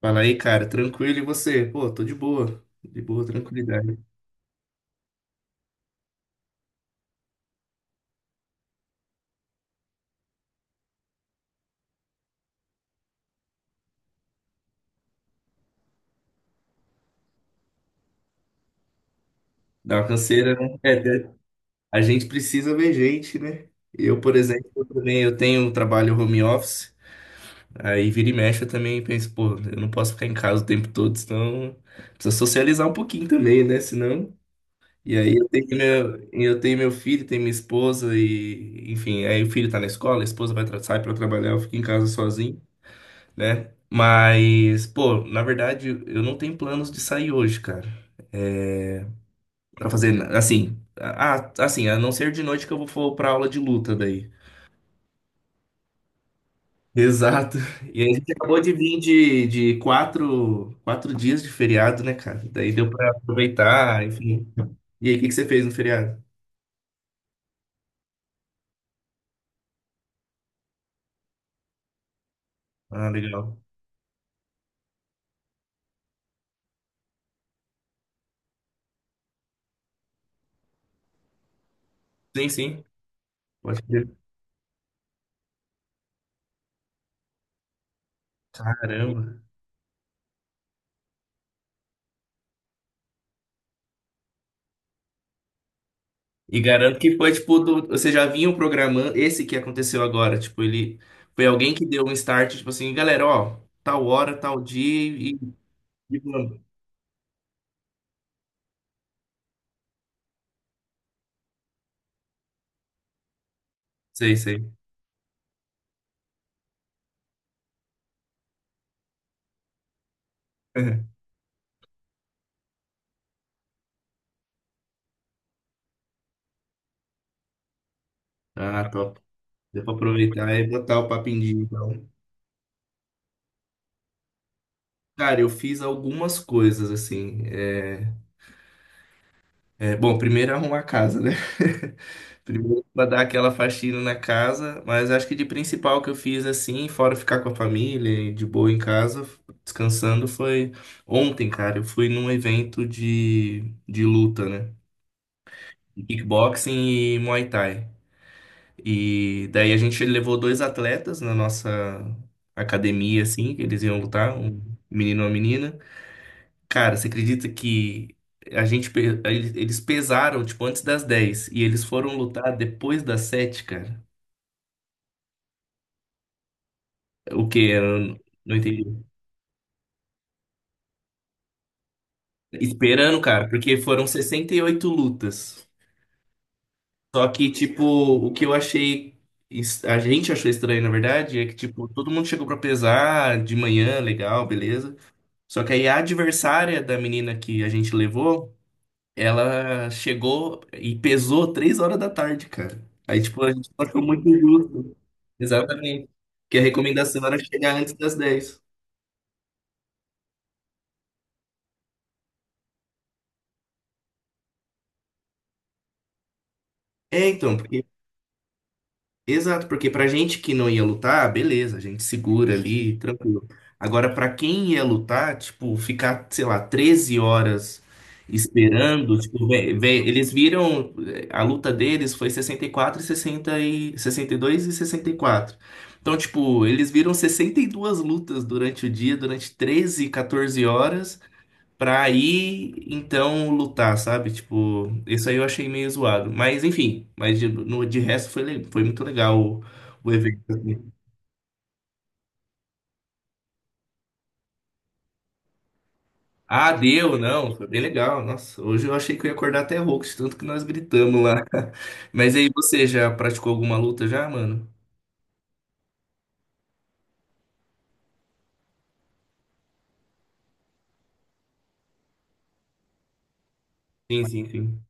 Fala aí, cara, tranquilo e você? Pô, tô de boa, tranquilidade. Dá uma canseira, né? É, a gente precisa ver gente, né? Eu, por exemplo, eu também eu tenho um trabalho home office. Aí vira e mexe eu também penso, pô, eu não posso ficar em casa o tempo todo, senão. Precisa socializar um pouquinho também, né? Senão. E aí eu tenho meu filho, tenho minha esposa e, enfim, aí o filho tá na escola, a esposa sai pra trabalhar, eu fico em casa sozinho, né? Mas, pô, na verdade, eu não tenho planos de sair hoje, cara. É, pra fazer, assim, ah, assim, a não ser de noite que eu vou for pra aula de luta daí. Exato. E aí a gente acabou de vir de quatro dias de feriado, né, cara? Daí deu pra aproveitar, enfim. E aí, o que que você fez no feriado? Ah, legal. Sim, sim. Pode crer. Caramba. E garanto que foi, tipo, do, você já vinha programando. Esse que aconteceu agora, tipo, ele foi alguém que deu um start, tipo assim, galera, ó, tal hora, tal dia, e vamos. Sei, sei. Ah, top. Deu pra aproveitar e botar o papo em dia, então. Cara, eu fiz algumas coisas, assim, é. É, bom, primeiro é arrumar a casa, né? Primeiro pra dar aquela faxina na casa, mas acho que de principal que eu fiz, assim, fora ficar com a família e de boa em casa, descansando, foi ontem, cara. Eu fui num evento de luta, né? Kickboxing e Muay Thai. E daí a gente levou dois atletas na nossa academia, assim, que eles iam lutar, um menino e uma menina. Cara, você acredita que a gente, eles pesaram, tipo, antes das 10 e eles foram lutar depois das 7, cara? O quê? Eu não entendi. Esperando, cara, porque foram 68 lutas. Só que, tipo, o que eu achei. A gente achou estranho, na verdade, é que, tipo, todo mundo chegou pra pesar de manhã, legal, beleza. Só que aí a adversária da menina que a gente levou, ela chegou e pesou 3 horas da tarde, cara. Aí, tipo, a gente achou muito injusto. Exatamente. Que a recomendação era chegar antes das 10. É, então, porque, exato, porque pra gente que não ia lutar, beleza, a gente segura ali, tranquilo. Agora, pra quem ia lutar, tipo, ficar, sei lá, 13 horas esperando, tipo, eles viram, eh, a luta deles foi sessenta e 60 e sessenta e dois e dois e sessenta e quatro. Então, tipo, eles viram 62 lutas durante o dia, durante 13 14 horas. Pra aí então lutar, sabe? Tipo, isso aí eu achei meio zoado. Mas enfim, mas de, no, de resto foi, foi muito legal o evento, assim. Ah, deu, não, foi bem legal. Nossa, hoje eu achei que eu ia acordar até rouco, de tanto que nós gritamos lá. Mas aí você já praticou alguma luta já, mano? Sim, sim, sim.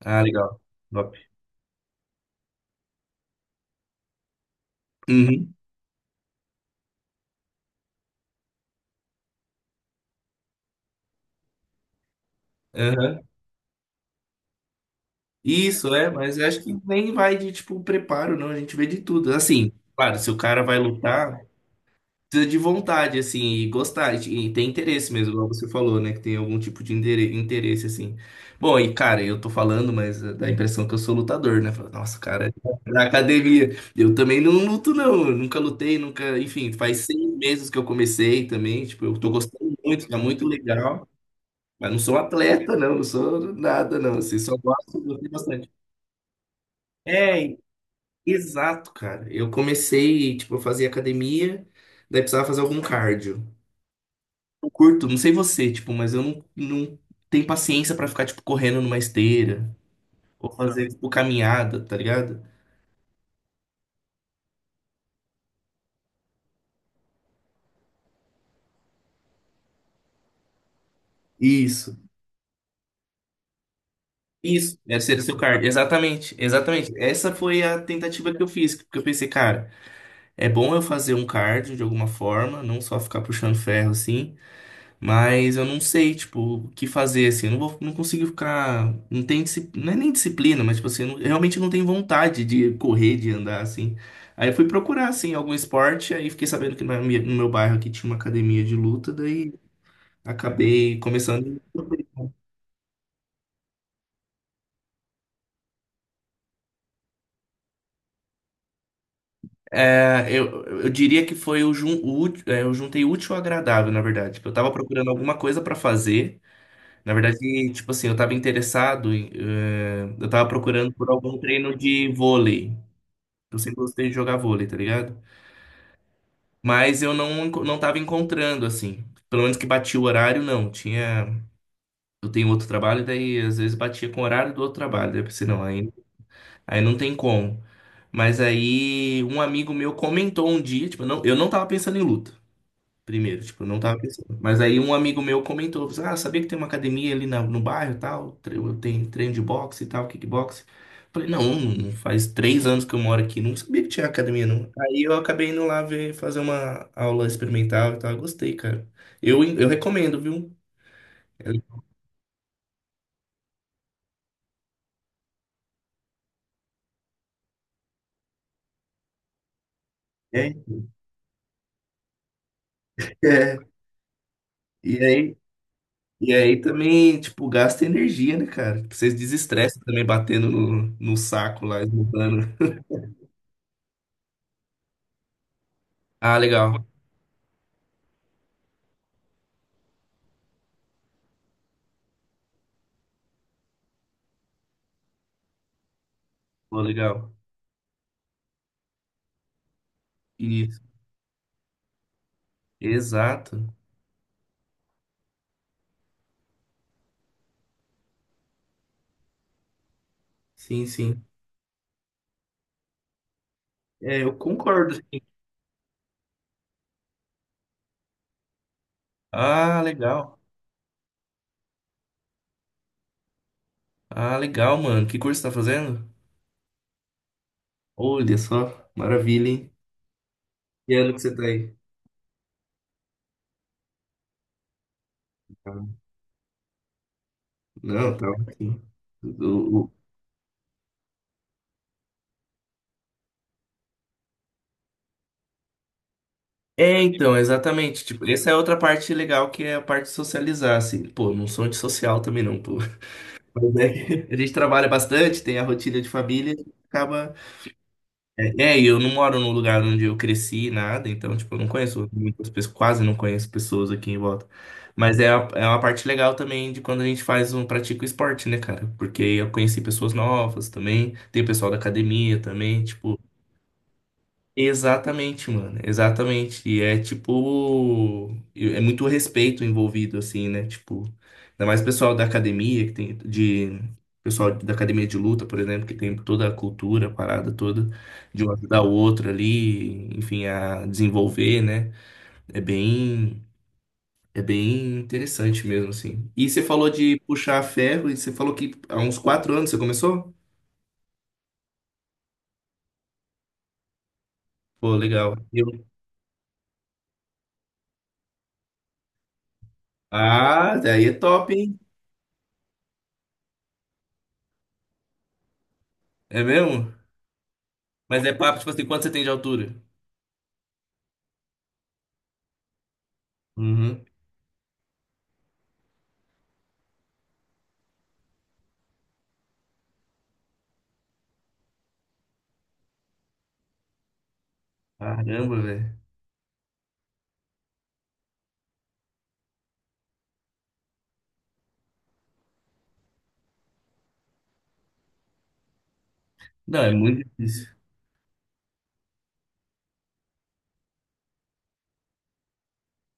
Ah, legal. Top. Uhum, aham. Isso, é, mas eu acho que nem vai de, tipo, preparo, não. A gente vê de tudo. Assim, claro, se o cara vai lutar, precisa de vontade, assim, e gostar, e ter interesse mesmo, igual você falou, né? Que tem algum tipo de interesse, assim. Bom, e cara, eu tô falando, mas dá a impressão que eu sou lutador, né? Fala, nossa, cara, é na academia. Eu também não luto, não. Eu nunca lutei, nunca. Enfim, faz 6 meses que eu comecei também. Tipo, eu tô gostando muito, tá muito legal. Mas não sou atleta, não, não sou nada, não. Assim, só gosto, gostei bastante. É, exato, cara. Eu comecei, tipo, eu fazia academia, daí precisava fazer algum cardio. Eu curto, não sei você, tipo, mas eu não tenho paciência pra ficar, tipo, correndo numa esteira ou fazer, tipo, caminhada, tá ligado? Isso. Isso, deve ser o seu cardio. Exatamente, exatamente. Essa foi a tentativa que eu fiz, porque eu pensei, cara, é bom eu fazer um cardio de alguma forma, não só ficar puxando ferro, assim. Mas eu não sei, tipo, o que fazer, assim. Eu não vou, não consigo ficar. Não tem, não é nem disciplina, mas, tipo assim, eu, eu realmente não tenho vontade de correr, de andar, assim. Aí eu fui procurar, assim, algum esporte, aí fiquei sabendo que na no meu bairro aqui tinha uma academia de luta, daí acabei começando. É, eu diria que foi o, jun, o ú- é, eu juntei útil ao agradável, na verdade, que eu tava procurando alguma coisa pra fazer. Na verdade, tipo assim, eu tava interessado em, eu tava procurando por algum treino de vôlei. Eu sempre gostei de jogar vôlei, tá ligado? Mas eu não, não tava encontrando, assim. Pelo menos que batia o horário, não. Tinha. Eu tenho outro trabalho, daí às vezes batia com o horário do outro trabalho. Daí eu pensei, não, aí, aí não tem como. Mas aí um amigo meu comentou um dia, tipo, não, eu não tava pensando em luta. Primeiro, tipo, eu não tava pensando. Mas aí um amigo meu comentou, falou assim, ah, sabia que tem uma academia ali no bairro e tal, eu tenho treino de boxe e tal, kickboxe. Falei, não, faz 3 anos que eu moro aqui, não sabia que tinha academia, não. Aí eu acabei indo lá ver, fazer uma aula experimental e tal, eu gostei, cara. Eu recomendo, viu? É, é. E aí, e aí também, tipo, gasta energia, né, cara? Vocês desestressam também batendo no, no saco lá, esmurrando. Ah, legal. Pô, legal. Isso. Exato. Sim, sim. É, eu concordo. Ah, legal. Ah, legal, mano. Que curso você tá fazendo? Olha só, maravilha, hein? Que ano que você tá aí? Não, tá aqui. O- É, então, exatamente. Tipo, essa é outra parte legal que é a parte de socializar, assim. Pô, não sou antissocial também não, pô. Mas é que a gente trabalha bastante, tem a rotina de família, acaba. É, e eu não moro num lugar onde eu cresci, nada, então, tipo, eu não conheço muitas pessoas, quase não conheço pessoas aqui em volta. Mas é, a- é uma parte legal também de quando a gente faz um, pratica o esporte, né, cara? Porque eu conheci pessoas novas também, tem o pessoal da academia também, tipo. Exatamente, mano. Exatamente. E é tipo. É muito respeito envolvido, assim, né? Tipo. Ainda mais o pessoal da academia, que tem. De. Pessoal da academia de luta, por exemplo, que tem toda a cultura, a parada toda, de um ajudar o outro ali, enfim, a desenvolver, né? É bem. É bem interessante mesmo, assim. E você falou de puxar ferro, e você falou que há uns 4 anos você começou? Pô, legal. Eu... Ah, daí é top, hein? É mesmo? Mas é papo, tipo assim, quanto você tem de altura? Uhum. Caramba, velho. Não, é muito difícil.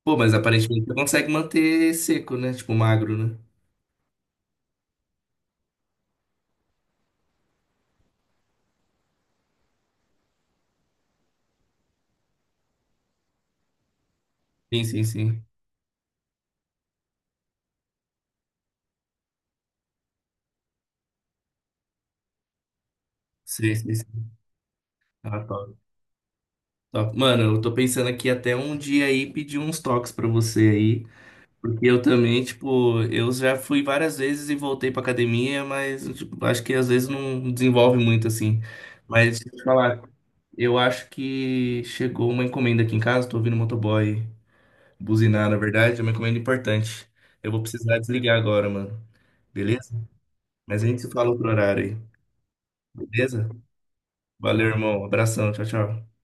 Pô, mas aparentemente você consegue manter seco, né? Tipo, magro, né? Sim, sim, sim. Sim, sim, sim. Ah, top, top. Mano, eu tô pensando aqui até um dia aí pedir uns toques pra você aí. Porque eu também, tipo, eu já fui várias vezes e voltei pra academia, mas tipo, acho que às vezes não desenvolve muito, assim. Mas deixa eu te falar, eu acho que chegou uma encomenda aqui em casa, tô ouvindo o motoboy buzinar. Na verdade, é uma encomenda importante. Eu vou precisar desligar agora, mano. Beleza? Mas a gente se fala outro horário aí, beleza? Valeu, irmão. Abração. Tchau, tchau.